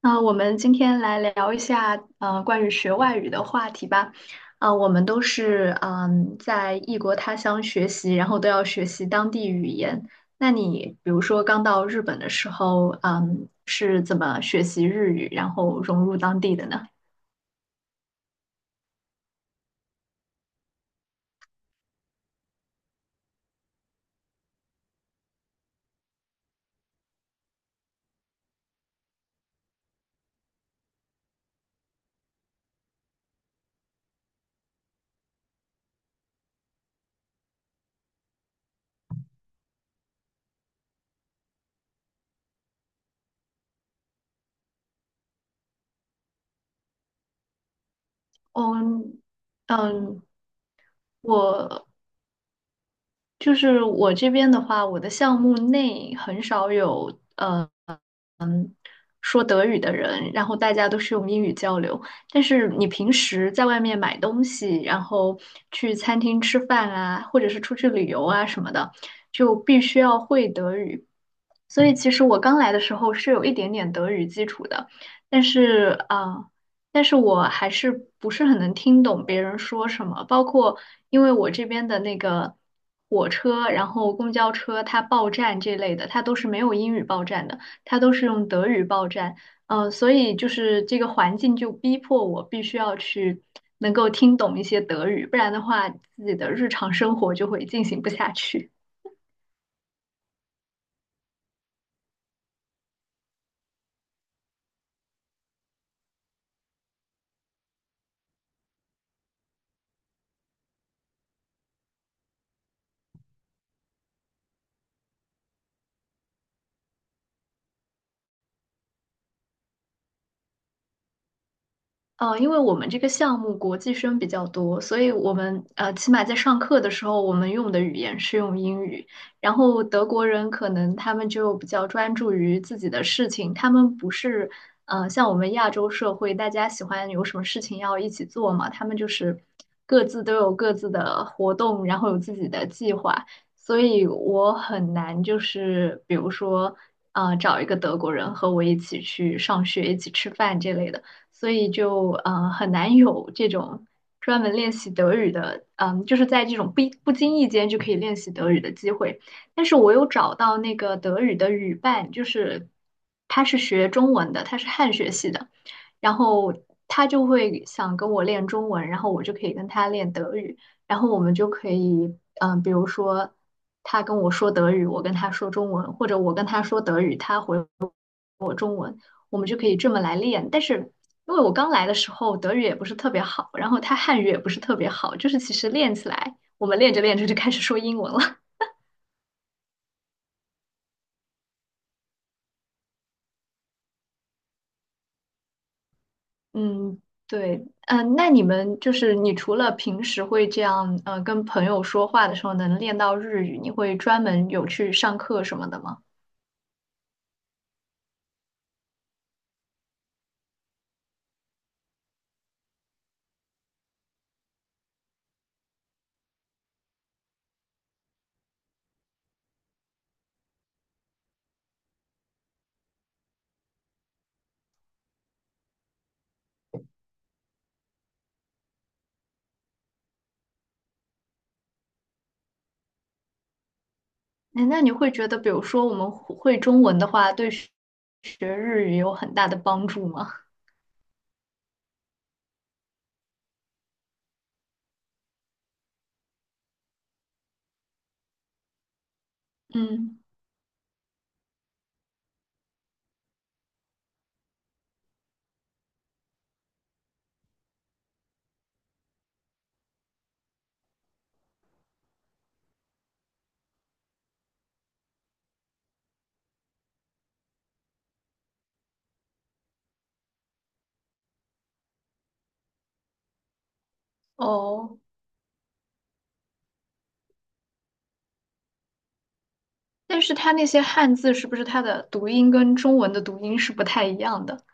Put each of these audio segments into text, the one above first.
那我们今天来聊一下，关于学外语的话题吧。我们都是在异国他乡学习，然后都要学习当地语言。那你比如说刚到日本的时候，嗯，是怎么学习日语，然后融入当地的呢？嗯嗯，我就是我这边的话，我的项目内很少有。说德语的人，然后大家都是用英语交流。但是你平时在外面买东西，然后去餐厅吃饭啊，或者是出去旅游啊什么的，就必须要会德语。所以其实我刚来的时候是有一点点德语基础的，但是但是我还是不是很能听懂别人说什么，包括因为我这边的那个火车，然后公交车它报站这类的，它都是没有英语报站的。它都是用德语报站，所以就是这个环境就逼迫我必须要去能够听懂一些德语，不然的话，自己的日常生活就会进行不下去。因为我们这个项目国际生比较多，所以我们起码在上课的时候，我们用的语言是用英语。然后德国人可能他们就比较专注于自己的事情，他们不是像我们亚洲社会，大家喜欢有什么事情要一起做嘛，他们就是各自都有各自的活动，然后有自己的计划，所以我很难就是比如说找一个德国人和我一起去上学、一起吃饭这类的。所以就嗯很难有这种专门练习德语的，嗯，就是在这种不经意间就可以练习德语的机会。但是我有找到那个德语的语伴，就是他是学中文的，他是汉学系的，然后他就会想跟我练中文，然后我就可以跟他练德语，然后我们就可以，嗯，比如说他跟我说德语，我跟他说中文，或者我跟他说德语，他回我们就可以这么来练。但是因为我刚来的时候德语也不是特别好，然后他汉语也不是特别好，就是其实练起来，我们练着练着就开始说英文了。嗯，对，嗯，那你们就是你除了平时会这样，跟朋友说话的时候能练到日语，你会专门有去上课什么的吗？哎，那你会觉得，比如说我们会中文的话，对学日语有很大的帮助吗？嗯，哦。但是它那些汉字是不是它的读音跟中文的读音是不太一样的？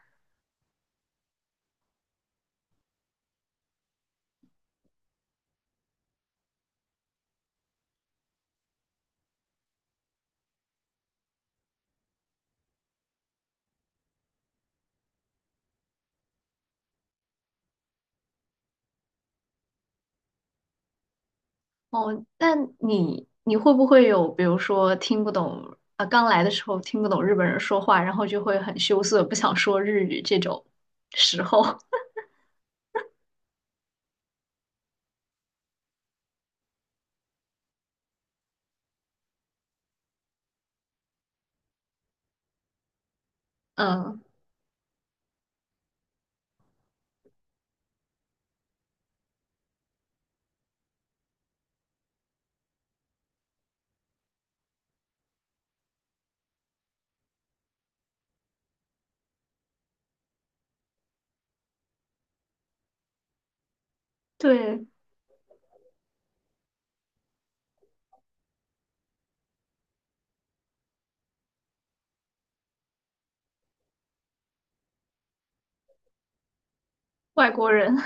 哦，那你你会不会有，比如说听不懂，啊，刚来的时候听不懂日本人说话，然后就会很羞涩，不想说日语这种时候？嗯，对，外国人。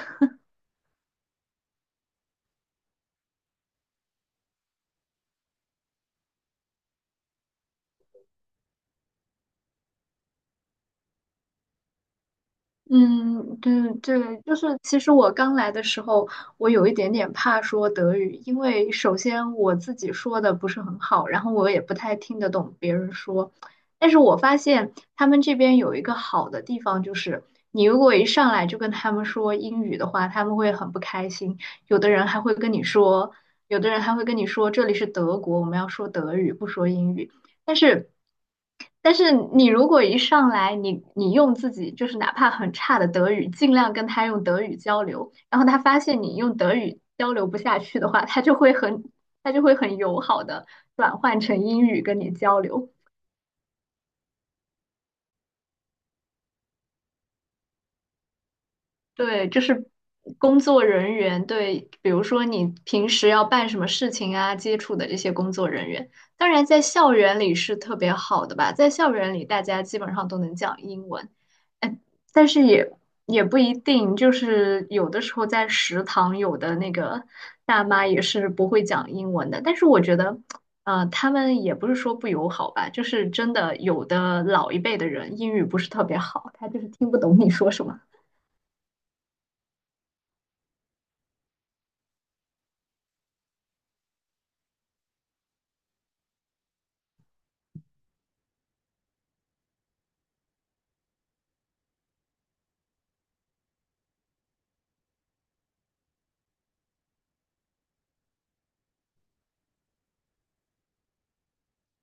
嗯，对对，就是其实我刚来的时候，我有一点点怕说德语，因为首先我自己说的不是很好，然后我也不太听得懂别人说。但是我发现他们这边有一个好的地方，就是你如果一上来就跟他们说英语的话，他们会很不开心。有的人还会跟你说，有的人还会跟你说这里是德国，我们要说德语，不说英语。但是，但是你如果一上来，你你用自己就是哪怕很差的德语，尽量跟他用德语交流，然后他发现你用德语交流不下去的话，他就会很友好的转换成英语跟你交流。对，就是工作人员对，比如说你平时要办什么事情啊，接触的这些工作人员，当然在校园里是特别好的吧，在校园里大家基本上都能讲英文。但是也不一定，就是有的时候在食堂，有的那个大妈也是不会讲英文的。但是我觉得，他们也不是说不友好吧，就是真的有的老一辈的人英语不是特别好，他就是听不懂你说什么。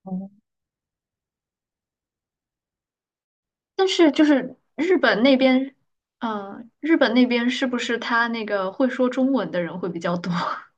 哦但是就是日本那边，日本那边是不是他那个会说中文的人会比较多？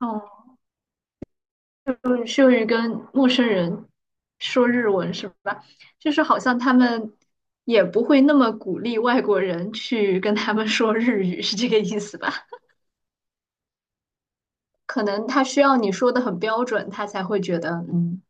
哦，论用于跟陌生人说日文是吧？就是好像他们也不会那么鼓励外国人去跟他们说日语，是这个意思吧？可能他需要你说的很标准，他才会觉得嗯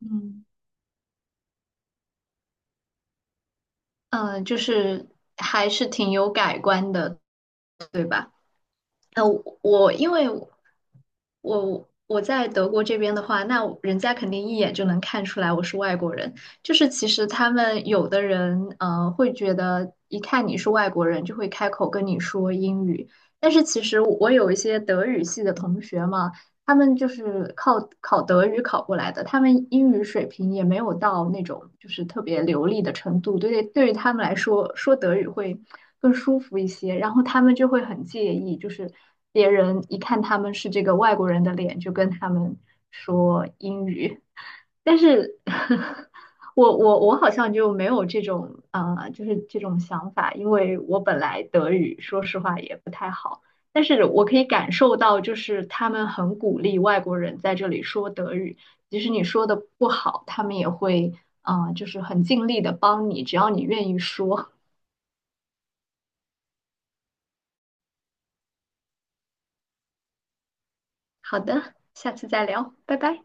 嗯嗯，就是还是挺有改观的，对吧？呃，我我因为我在德国这边的话，那我人家肯定一眼就能看出来我是外国人。就是其实他们有的人，会觉得一看你是外国人，就会开口跟你说英语。但是其实我有一些德语系的同学嘛，他们就是靠考德语考过来的，他们英语水平也没有到那种就是特别流利的程度，对于他们来说，说德语会更舒服一些，然后他们就会很介意，就是别人一看他们是这个外国人的脸，就跟他们说英语，但是 我好像就没有这种就是这种想法，因为我本来德语说实话也不太好。但是我可以感受到，就是他们很鼓励外国人在这里说德语，即使你说的不好，他们也会就是很尽力的帮你，只要你愿意说。好的，下次再聊，拜拜。